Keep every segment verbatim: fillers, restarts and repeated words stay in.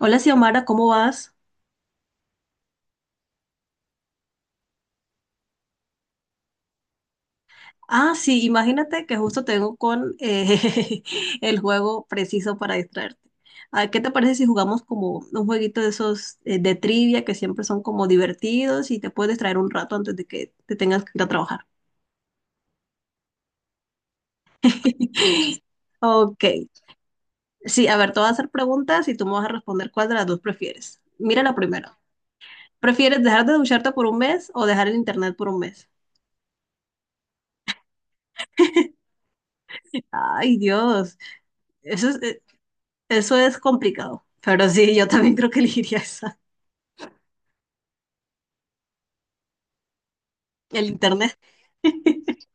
Hola Xiomara, ¿cómo vas? Ah, sí, imagínate que justo tengo con eh, el juego preciso para distraerte. Ah, ¿qué te parece si jugamos como un jueguito de esos eh, de trivia que siempre son como divertidos y te puedes distraer un rato antes de que te tengas que ir a trabajar? Ok, sí, a ver, te voy a hacer preguntas y tú me vas a responder cuál de las dos prefieres. Mira la primera. ¿Prefieres dejar de ducharte por un mes o dejar el internet por un mes? Ay, Dios. Eso es, eh, eso es complicado, pero sí, yo también creo que elegiría esa, el internet.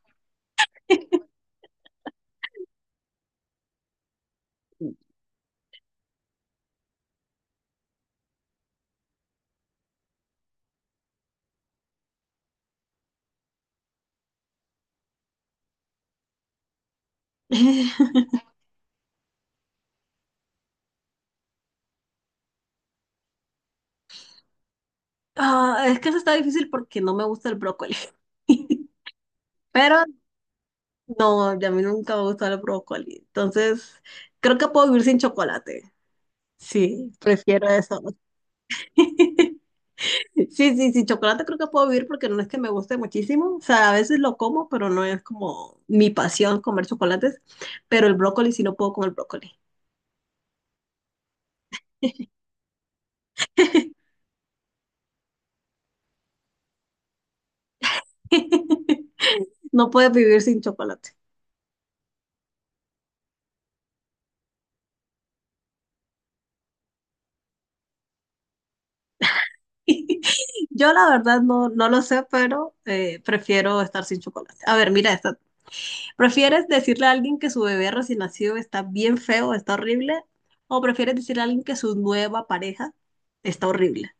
Ah, es que eso está difícil porque no me gusta el brócoli. Pero no, a mí nunca me ha gustado el brócoli. Entonces, creo que puedo vivir sin chocolate. Sí, prefiero eso. Sí, sí, sin chocolate creo que puedo vivir porque no es que me guste muchísimo. O sea, a veces lo como, pero no es como mi pasión comer chocolates. Pero el brócoli sí no puedo comer brócoli. No puedes vivir sin chocolate. Yo la verdad no, no lo sé, pero eh, prefiero estar sin chocolate. A ver, mira esta. ¿Prefieres decirle a alguien que su bebé recién nacido está bien feo, está horrible? ¿O prefieres decirle a alguien que su nueva pareja está horrible?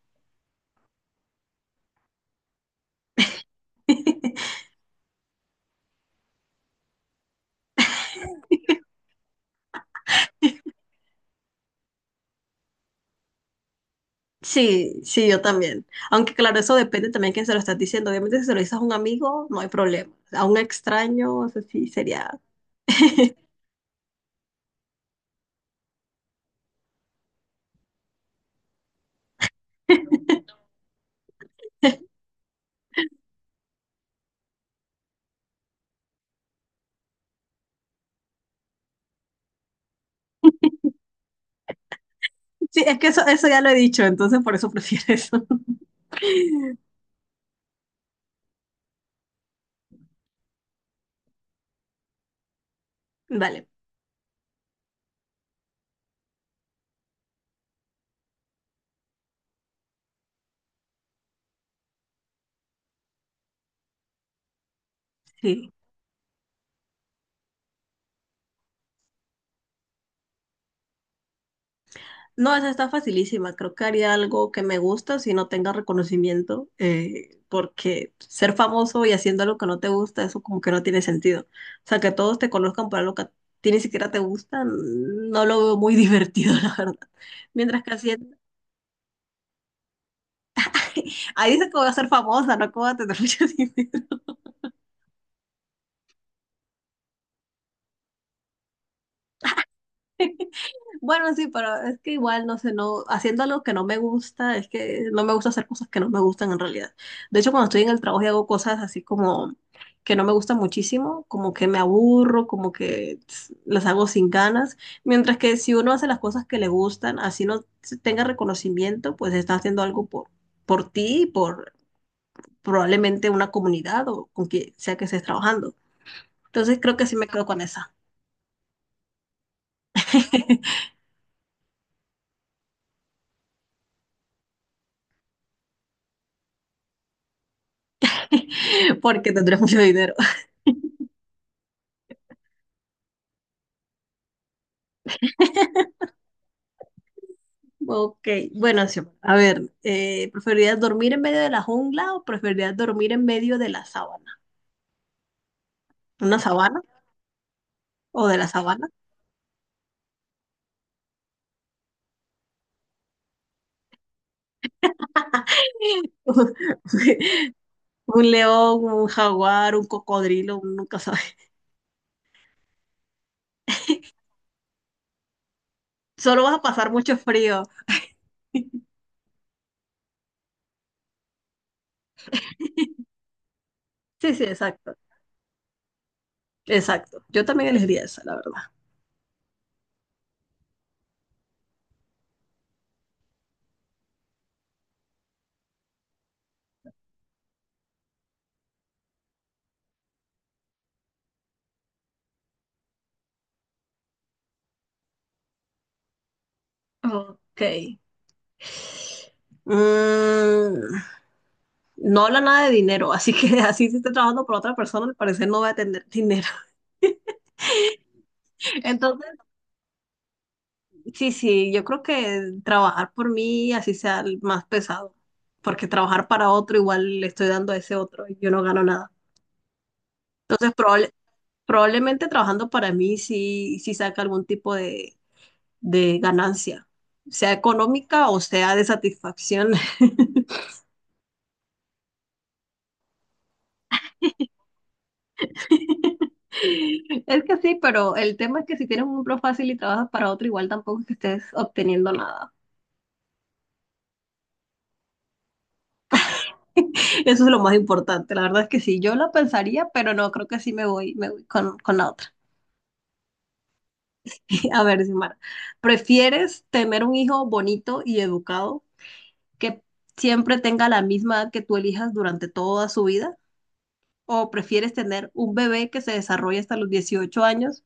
Sí, sí, yo también. Aunque claro, eso depende también de quién se lo estás diciendo. Obviamente, si se lo dices a un amigo, no hay problema. A un extraño, eso sí sería. Sí, es que eso, eso ya lo he dicho, entonces por eso prefiero eso. Vale, sí. No, esa está facilísima. Creo que haría algo que me gusta si no tenga reconocimiento, eh, porque ser famoso y haciendo lo que no te gusta, eso como que no tiene sentido. O sea, que todos te conozcan para lo que a ti ni siquiera te gusta, no lo veo muy divertido, la verdad. Mientras que haciendo... Ahí dice que voy a ser famosa, no que voy a tener muchos dinero. Bueno, sí, pero es que igual, no sé, no, haciendo algo que no me gusta, es que no me gusta hacer cosas que no me gustan en realidad. De hecho, cuando estoy en el trabajo y hago cosas así como que no me gustan muchísimo, como que me aburro, como que tss, las hago sin ganas, mientras que si uno hace las cosas que le gustan, así no se tenga reconocimiento, pues está haciendo algo por, por ti, por probablemente una comunidad o con quien sea que estés trabajando. Entonces creo que sí me quedo con esa, porque tendré mucho dinero. Ok, bueno, sí, a ver, eh, ¿preferirías dormir en medio de la jungla o preferirías dormir en medio de la sabana? ¿Una sabana o de la sabana? Un león, un jaguar, un cocodrilo, uno nunca sabe. Solo vas a pasar mucho frío. Sí, sí, exacto, exacto. Yo también elegiría esa, la verdad. Ok. Mm, no habla nada de dinero, así que así si esté trabajando por otra persona, al parecer no va a tener dinero. Entonces. Sí, sí, yo creo que trabajar por mí así sea el más pesado, porque trabajar para otro igual le estoy dando a ese otro y yo no gano nada. Entonces, probable- probablemente trabajando para mí sí, sí saca algún tipo de, de ganancia, sea económica o sea de satisfacción. Es que sí, pero el tema es que si tienes un empleo fácil y trabajas para otro igual tampoco es que estés obteniendo nada. Eso es lo más importante. La verdad es que sí, yo lo pensaría, pero no, creo que sí me voy, me voy con, con la otra. A ver, Xiomara, ¿prefieres tener un hijo bonito y educado que siempre tenga la misma edad que tú elijas durante toda su vida? ¿O prefieres tener un bebé que se desarrolle hasta los dieciocho años,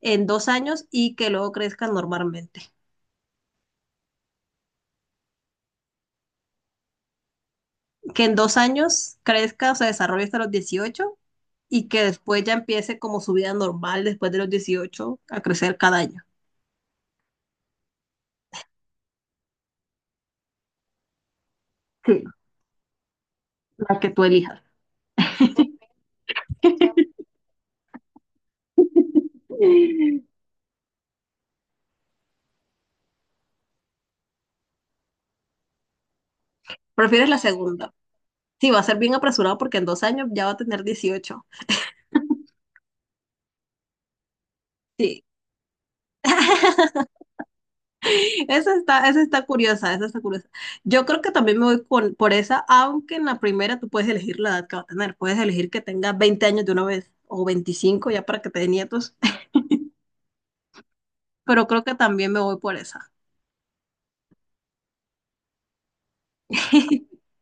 en dos años y que luego crezca normalmente? Que en dos años crezca o se desarrolle hasta los dieciocho y que después ya empiece como su vida normal después de los dieciocho a crecer cada año. Sí, la que tú elijas. ¿Prefieres la segunda? Sí, va a ser bien apresurado porque en dos años ya va a tener dieciocho. Sí. Esa está, esa está curiosa, esa está curiosa. Yo creo que también me voy con- por esa, aunque en la primera tú puedes elegir la edad que va a tener. Puedes elegir que tenga veinte años de una vez o veinticinco ya para que te dé nietos. Pero creo que también me voy por esa.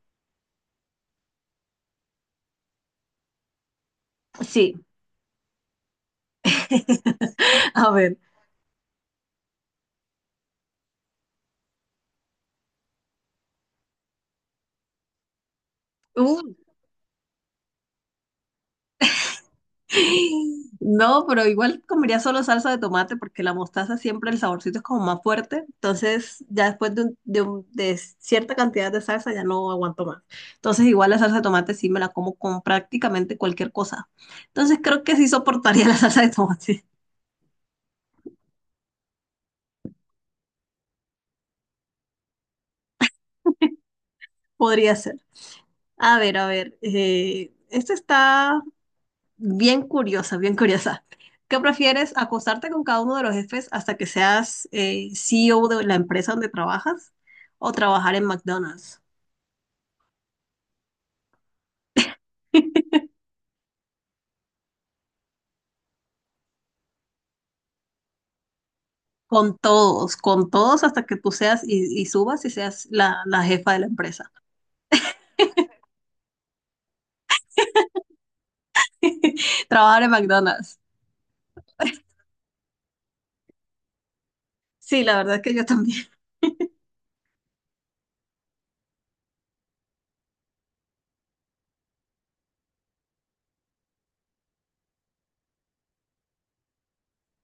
Sí. A ver. Uh, No, pero igual comería solo salsa de tomate porque la mostaza siempre el saborcito es como más fuerte. Entonces, ya después de, un- de un- de cierta cantidad de salsa ya no aguanto más. Entonces, igual la salsa de tomate sí me la como con prácticamente cualquier cosa. Entonces, creo que sí soportaría la salsa de tomate. Podría ser. A ver, a ver, eh, esta está bien curiosa, bien curiosa. ¿Qué prefieres, acostarte con cada uno de los jefes hasta que seas eh, C E O de la empresa donde trabajas o trabajar en McDonald's? Con todos, con todos hasta que tú seas y, y subas y seas la, la jefa de la empresa. Trabajar en McDonald's. Sí, la verdad es que yo también.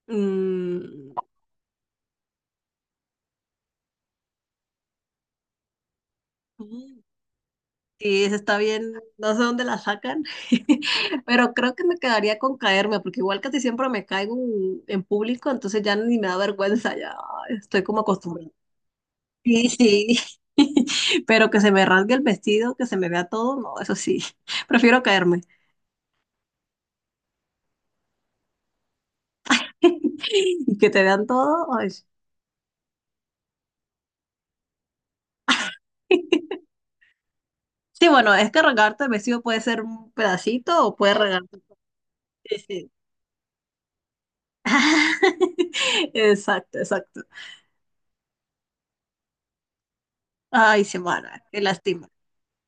Mm, sí, eso está bien, no sé dónde la sacan, pero creo que me quedaría con caerme, porque igual casi siempre me caigo en, en público, entonces ya ni me da vergüenza, ya estoy como acostumbrada. Sí, sí, pero que se me rasgue el vestido, que se me vea todo, no, eso sí, prefiero caerme y que te vean todo. Ay. Sí, sí, bueno, es que regarte el vestido puede ser un pedacito o puede regarte. Sí, sí. Exacto, exacto. Ay, semana, qué lástima.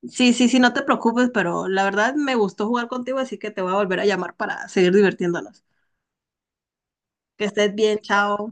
Sí, sí, sí, no te preocupes, pero la verdad me gustó jugar contigo, así que te voy a volver a llamar para seguir divirtiéndonos. Que estés bien, chao.